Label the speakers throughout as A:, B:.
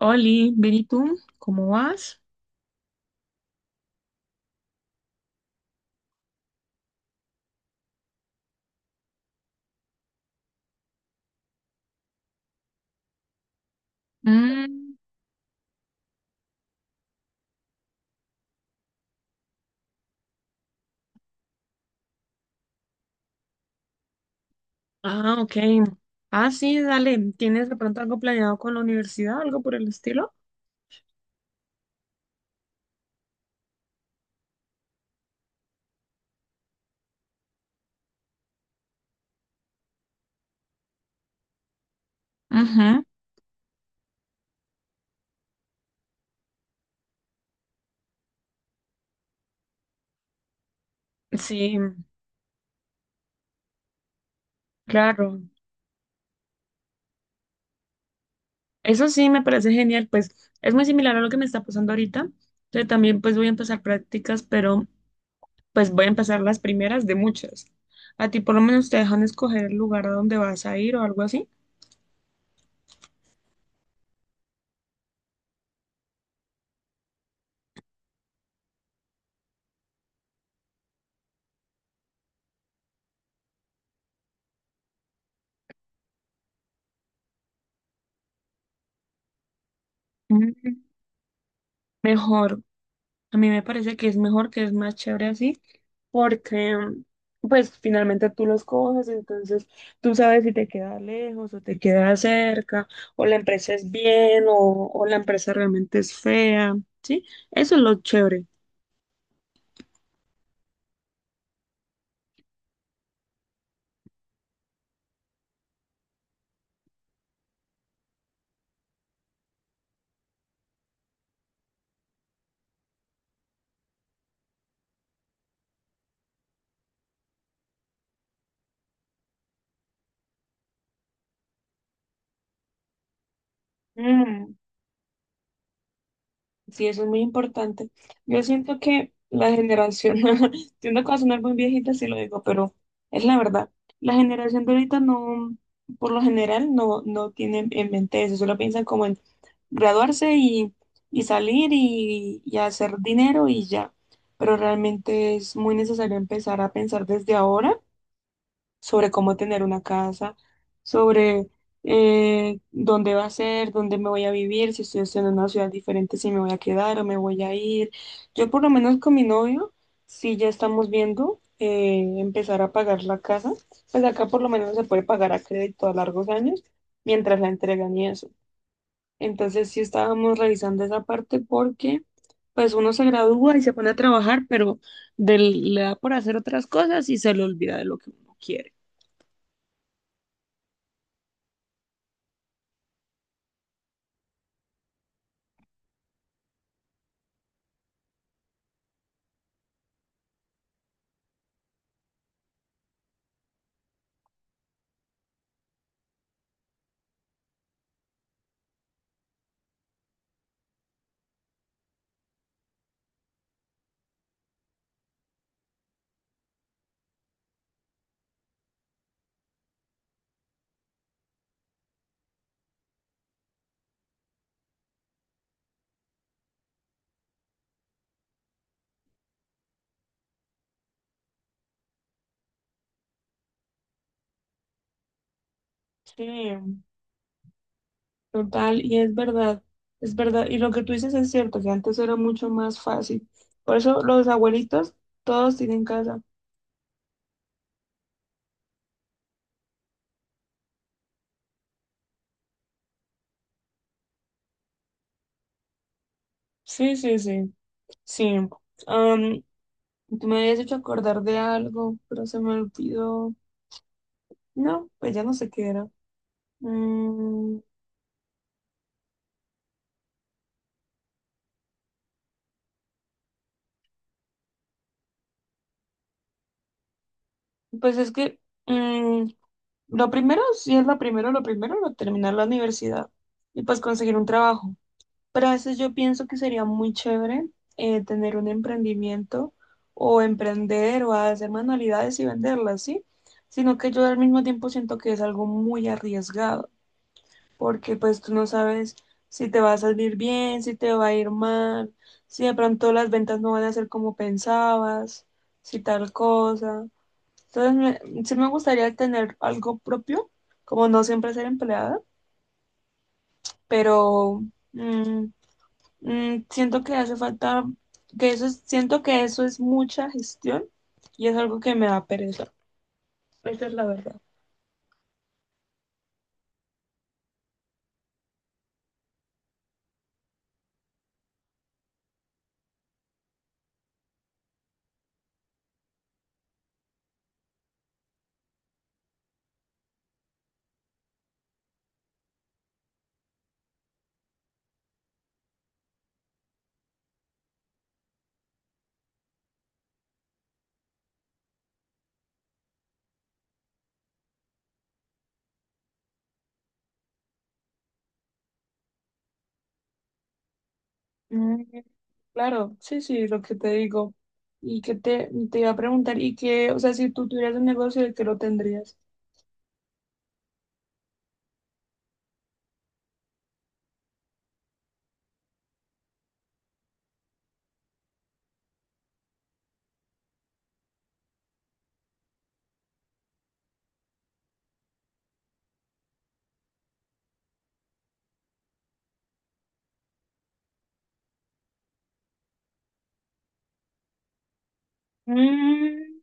A: Oli, bien, ¿y tú? ¿Cómo vas? Mm. Ah, ok. Ah, sí, dale. ¿Tienes de pronto algo planeado con la universidad, algo por el estilo? Ujú. Sí, claro. Eso sí, me parece genial. Pues es muy similar a lo que me está pasando ahorita. Yo también pues voy a empezar prácticas, pero pues voy a empezar las primeras de muchas. ¿A ti por lo menos te dejan escoger el lugar a donde vas a ir o algo así? Mm. Mejor. A mí me parece que es mejor, que es más chévere así, porque pues finalmente tú los coges, entonces tú sabes si te queda lejos o te queda cerca, o la empresa es bien o la empresa realmente es fea, ¿sí? Eso es lo chévere. Sí, eso es muy importante. Yo siento que la generación, siento que va a sonar muy viejita si lo digo, pero es la verdad. La generación de ahorita no, por lo general, no tiene en mente eso, solo piensan como en graduarse y salir y hacer dinero y ya. Pero realmente es muy necesario empezar a pensar desde ahora sobre cómo tener una casa, sobre dónde va a ser, dónde me voy a vivir, si estoy estudiando en una ciudad diferente, si me voy a quedar o me voy a ir. Yo por lo menos con mi novio, sí ya estamos viendo empezar a pagar la casa, pues acá por lo menos se puede pagar a crédito a largos años mientras la entregan y eso. Entonces sí estábamos revisando esa parte porque pues uno se gradúa y se pone a trabajar, pero le da por hacer otras cosas y se le olvida de lo que uno quiere. Sí, total, y es verdad, y lo que tú dices es cierto, que antes era mucho más fácil. Por eso los abuelitos todos tienen casa. Sí, sí, sí, sí. Am, Tú me habías hecho acordar de algo, pero se me olvidó. No, pues ya no sé qué era. Mm, pues es que mm, lo primero, sí es lo primero, lo terminar la universidad y pues conseguir un trabajo. Pero a veces yo pienso que sería muy chévere tener un emprendimiento o emprender o hacer manualidades y venderlas, ¿sí? Sino que yo al mismo tiempo siento que es algo muy arriesgado, porque pues tú no sabes si te va a salir bien, si te va a ir mal, si de pronto las ventas no van a ser como pensabas, si tal cosa. Entonces, sí me gustaría tener algo propio, como no siempre ser empleada, pero... mm, siento que hace falta, siento que eso es mucha gestión y es algo que me da pereza. Esa es la verdad. Mm, claro, sí, sí, lo que te digo. Y que te iba a preguntar, y que, o sea, si tú tuvieras un negocio, ¿de qué lo tendrías? Mm.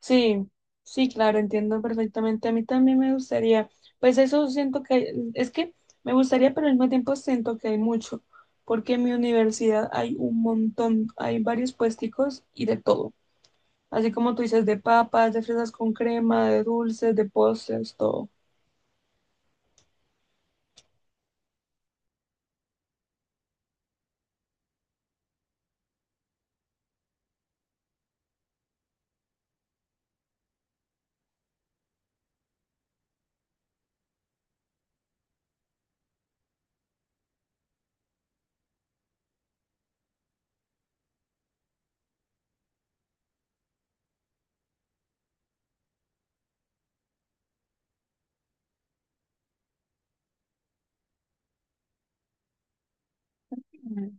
A: Sí, sí, claro, entiendo perfectamente. A mí también me gustaría, pues eso siento que, es que me gustaría, pero al mismo tiempo siento que hay mucho, porque en mi universidad hay un montón, hay varios puesticos y de todo. Así como tú dices, de papas, de fresas con crema, de dulces, de postres, todo. Mm.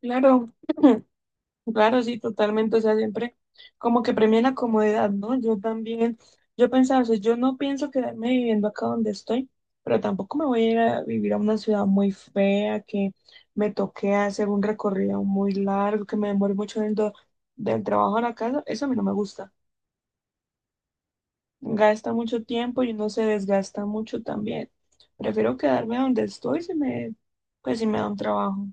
A: Claro. Claro, sí, totalmente. O sea, siempre como que premia la comodidad, ¿no? Yo también, yo pensaba, o sea, yo no pienso quedarme viviendo acá donde estoy, pero tampoco me voy a ir a vivir a una ciudad muy fea, que me toque hacer un recorrido muy largo, que me demore mucho en el del trabajo a la casa. Eso a mí no me gusta. Gasta mucho tiempo y uno se desgasta mucho también. Prefiero quedarme donde estoy pues si me da un trabajo.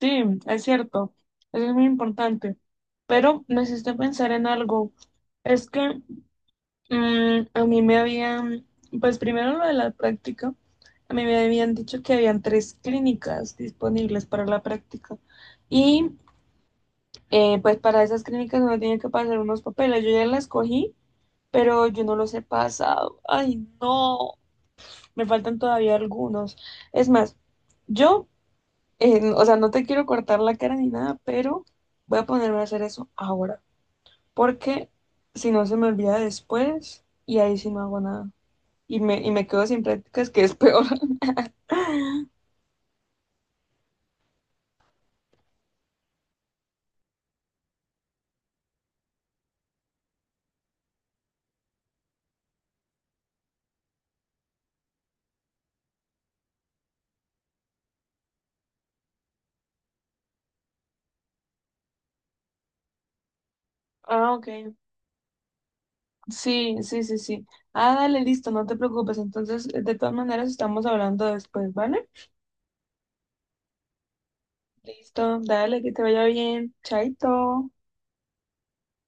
A: Sí, es cierto, eso es muy importante, pero me hiciste pensar en algo. Es que a mí me habían, pues primero lo de la práctica, a mí me habían dicho que habían tres clínicas disponibles para la práctica y pues para esas clínicas uno tiene que pasar unos papeles. Yo ya las cogí, pero yo no los he pasado. Ay, no, me faltan todavía algunos. Es más, yo o sea, no te quiero cortar la cara ni nada, pero voy a ponerme a hacer eso ahora, porque si no se me olvida después y ahí sí no hago nada. Y me quedo sin prácticas, que es peor. Ah, ok. Sí, sí, sí, sí. Ah, dale, listo, no te preocupes. Entonces, de todas maneras, estamos hablando después, ¿vale? Listo, dale, que te vaya bien. Chaito.